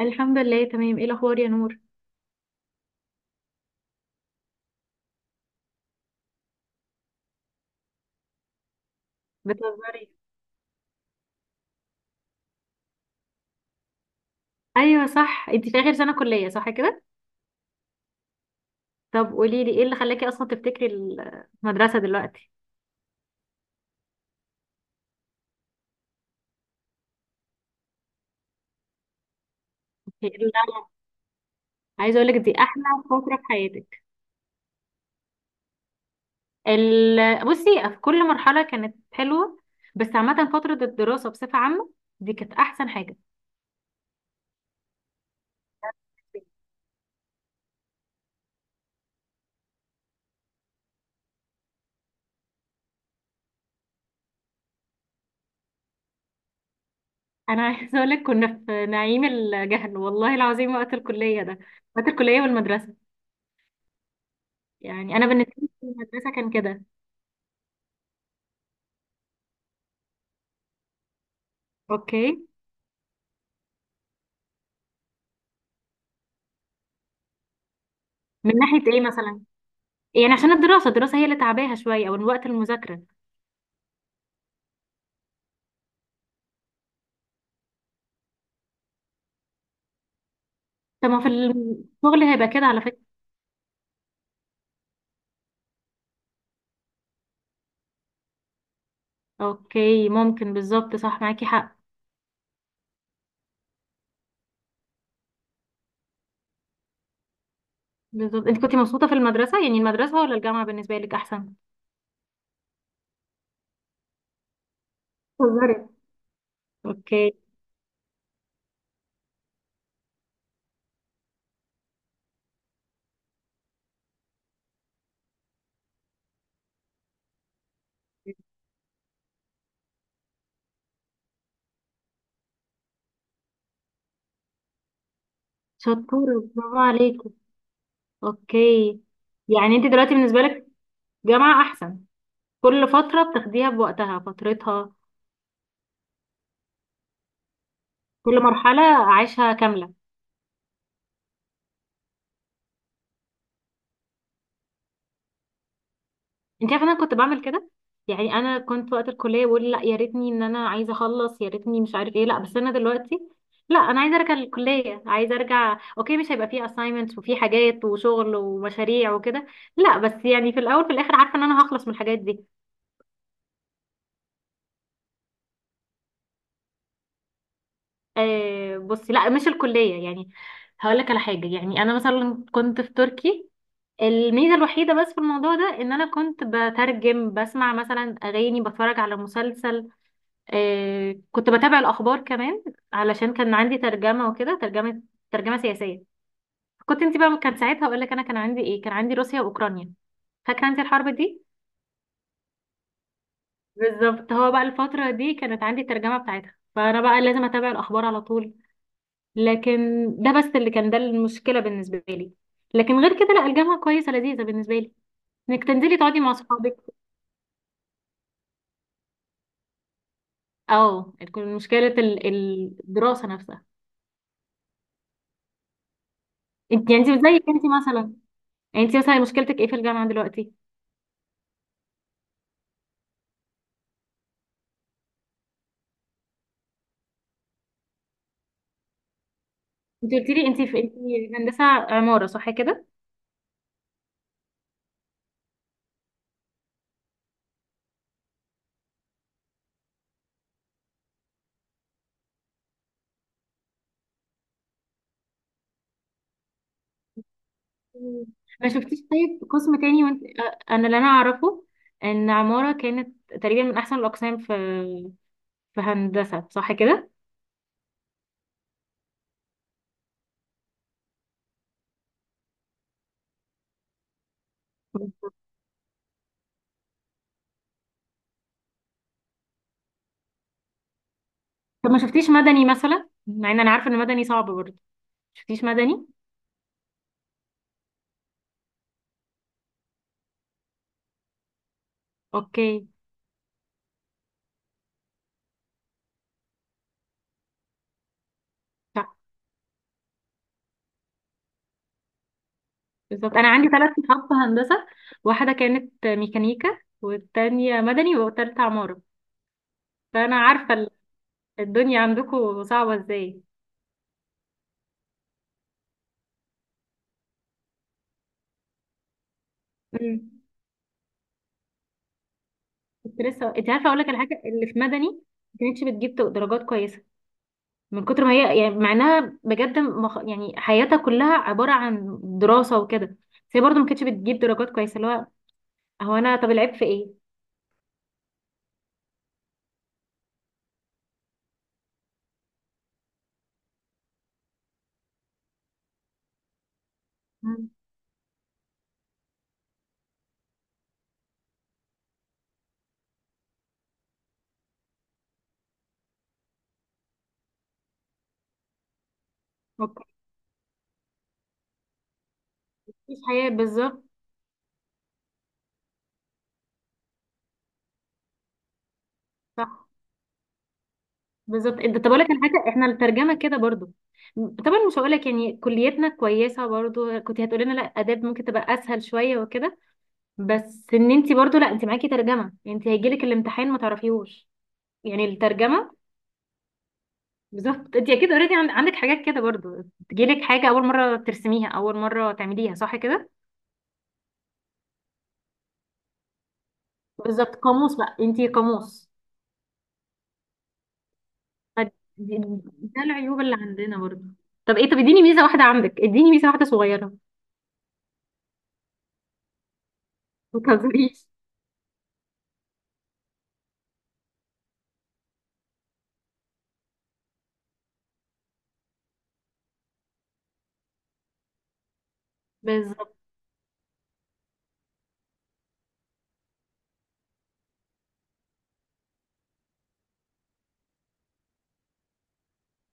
الحمد لله، تمام. ايه الاخبار يا نور؟ بتهزري؟ ايوه صح، انت في اخر سنه كليه صح كده. طب قولي لي ايه اللي خلاكي اصلا تفتكري المدرسه دلوقتي؟ إيه اللي- عايزه اقول لك دي احلى فتره في حياتك. بصي، في كل مرحله كانت حلوه، بس عامه فتره الدراسه بصفه عامه دي كانت احسن حاجه. انا عايزه اقول لك كنا في نعيم الجهل والله العظيم وقت الكليه ده، وقت الكليه والمدرسه. يعني انا بالنسبه لي المدرسه كان كده. اوكي. من ناحيه ايه مثلا؟ يعني عشان الدراسة هي اللي تعباها شوية او وقت المذاكرة. طب ما في الشغل هيبقى كده على فكرة. اوكي ممكن، بالظبط صح، معاكي حق. بالظبط، انت كنت مبسوطة في المدرسة يعني، المدرسة ولا الجامعة بالنسبة لك احسن؟ بتهزري؟ اوكي. شطورة، برافو عليكي. اوكي. يعني انت دلوقتي بالنسبة لك جامعة احسن. كل فترة بتاخديها بوقتها فترتها. كل مرحلة عايشها كاملة. انت عارفه انا كنت بعمل كده. يعني انا كنت وقت الكليه بقول لا، يا ريتني ان انا عايزه اخلص، يا ريتني مش عارف ايه، لا بس انا دلوقتي لا، انا عايزه ارجع للكليه، عايزه ارجع. اوكي، مش هيبقى فيه assignments وفي حاجات وشغل ومشاريع وكده، لا بس يعني في الاول في الاخر عارفه ان انا هخلص من الحاجات دي. آه بصي، لا مش الكليه يعني. هقول لك على حاجه، يعني انا مثلا كنت في تركي. الميزه الوحيده بس في الموضوع ده ان انا كنت بترجم، بسمع مثلا اغاني، بتفرج على مسلسل، آه كنت بتابع الأخبار كمان، علشان كان عندي ترجمة وكده. ترجمة، ترجمة سياسية. كنت انت بقى، كان ساعتها أقول لك، أنا كان عندي إيه؟ كان عندي روسيا وأوكرانيا. فاكرة انت الحرب دي؟ بالظبط، هو بقى الفترة دي كانت عندي الترجمة بتاعتها، فأنا بقى لازم أتابع الأخبار على طول. لكن ده بس اللي كان، ده المشكلة بالنسبة لي. لكن غير كده لا، الجامعة كويسة، لذيذة بالنسبة لي، انك تنزلي تقعدي مع صحابك. اه، تكون مشكلة الدراسة نفسها. انت يعني انت زيك، انت مثلا، انت مثلا مشكلتك ايه في الجامعة دلوقتي؟ انت قلت لي انت في، انت هندسه عماره صح كده. مم. ما شفتيش طيب قسم تاني؟ وانت انا اللي انا اعرفه ان عماره كانت تقريبا من احسن الاقسام في هندسه صح كده. مم. طب ما شفتيش مدني مثلا؟ مع ان انا عارفه ان مدني صعب برضه، ما شفتيش مدني؟ اوكي، صح. بالظبط، انا عندي ثلاث صحاب في هندسه، واحده كانت ميكانيكا، والتانية مدني، والتالتة عماره. فانا عارفه الدنيا عندكم صعبه ازاي. مم. كنت لسه، انت عارفه، اقول لك الحاجه اللي في مدني ما كانتش بتجيب درجات كويسه، من كتر ما هي يعني، مع انها بجد يعني حياتها كلها عباره عن دراسه وكده، بس هي برضه ما كانتش بتجيب درجات كويسه. اللي هو، هو انا طب العيب في ايه؟ مم. اوكي. مفيش حياه، بالظبط. صح. بالظبط، انت طب اقول لك الحاجه، احنا الترجمه كده برضه. طبعا مش هقول لك يعني كليتنا كويسه برضه، كنت هتقولي لنا لا اداب ممكن تبقى اسهل شويه وكده، بس ان انت برضه لا، انت معاكي ترجمه يعني، انت هيجيلك الامتحان ما تعرفيهوش، يعني الترجمه. بالظبط، انت اكيد اوريدي عندك حاجات كده برضو، تجيلك حاجه اول مره ترسميها، اول مره تعمليها صح كده. بالظبط، قاموس بقى، انت قاموس. فد- دي- ده العيوب اللي عندنا برضو. طب ايه، طب اديني ميزه واحده عندك، اديني ميزه واحده صغيره. ما تهزريش. بالظبط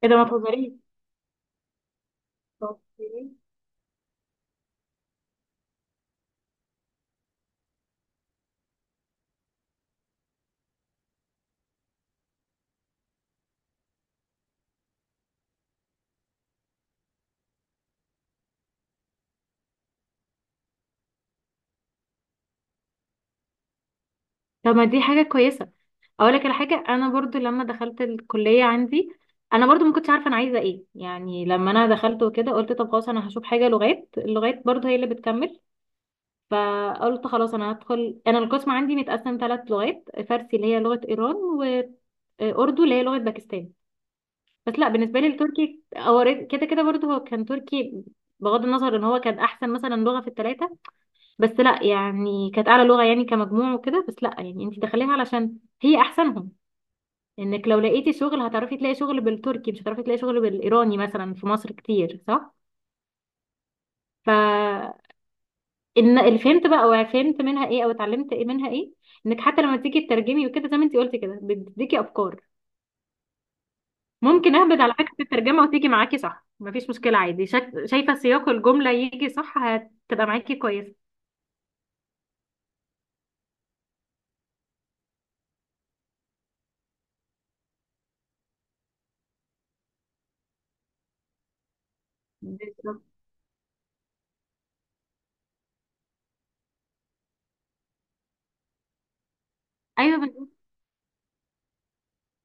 كده، ما تهزريش. طب طب. ما دي حاجه كويسه. اقول لك على حاجه، انا برضو لما دخلت الكليه عندي، انا برضو ما كنتش عارفه انا عايزه ايه، يعني لما انا دخلت وكده قلت طب خلاص انا هشوف حاجه لغات، اللغات برضو هي اللي بتكمل. فقلت خلاص انا هدخل، انا القسم عندي متقسم ثلاث لغات، فارسي اللي هي لغة ايران، واردو اللي هي لغة باكستان. بس لا، بالنسبة لي التركي هو كده كده برضه هو كان تركي، بغض النظر ان هو كان احسن مثلا لغة في الثلاثة، بس لا يعني كانت اعلى لغة يعني كمجموع وكده، بس لا يعني انت داخليها علشان هي احسنهم، انك لو لقيتي شغل هتعرفي تلاقي شغل بالتركي، مش هتعرفي تلاقي شغل بالايراني مثلا في مصر كتير صح. ف ان اللي فهمت بقى، او فهمت منها ايه، او اتعلمت ايه منها ايه، انك حتى لما تيجي تترجمي وكده زي ما انت قلتي كده، بتديكي افكار. ممكن اهبد على فكره الترجمه وتيجي معاكي صح، مفيش مشكله عادي، شايفه سياق الجمله يجي صح، هتبقى معاكي كويسه. بالظبط. ايوه بالظبط.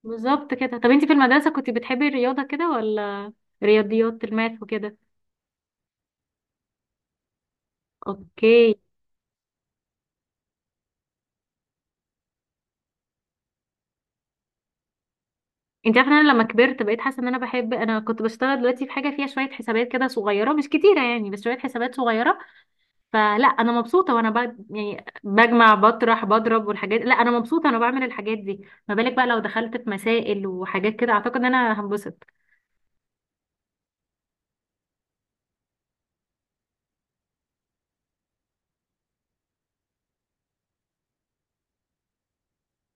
بالظبط كده. طب انت في المدرسه كنت بتحبي الرياضه كده ولا؟ رياضيات، الماث وكده. اوكي. انت عارفه إن انا لما كبرت بقيت حاسه ان انا بحب، انا كنت بشتغل دلوقتي في حاجه فيها شويه حسابات كده صغيره مش كتيره يعني، بس شويه حسابات صغيره، فلا انا مبسوطه، وانا يعني بجمع بطرح بضرب والحاجات، لا انا مبسوطه انا بعمل الحاجات دي. ما بالك بقى لو دخلت في مسائل وحاجات كده؟ اعتقد ان انا هنبسط.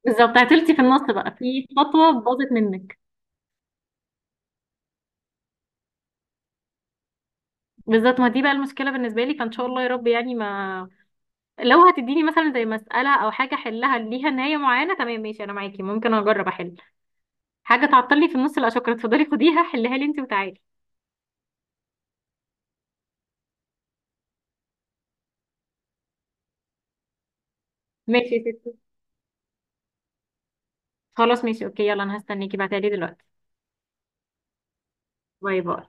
بالظبط، عطلتي في النص بقى في خطوه باظت منك. بالظبط، ما دي بقى المشكله بالنسبه لي، فان شاء الله يا رب يعني ما. لو هتديني مثلا زي مساله او حاجه احلها ليها نهايه معينه، تمام ماشي انا معاكي ممكن اجرب احل، حاجه تعطلني في النص لا شكرا، اتفضلي خديها حلها لي انت وتعالي. ماشي يا ستي. خلاص ماشي اوكي، يلا انا هستنيكي، بعتها لي دلوقتي. باي باي.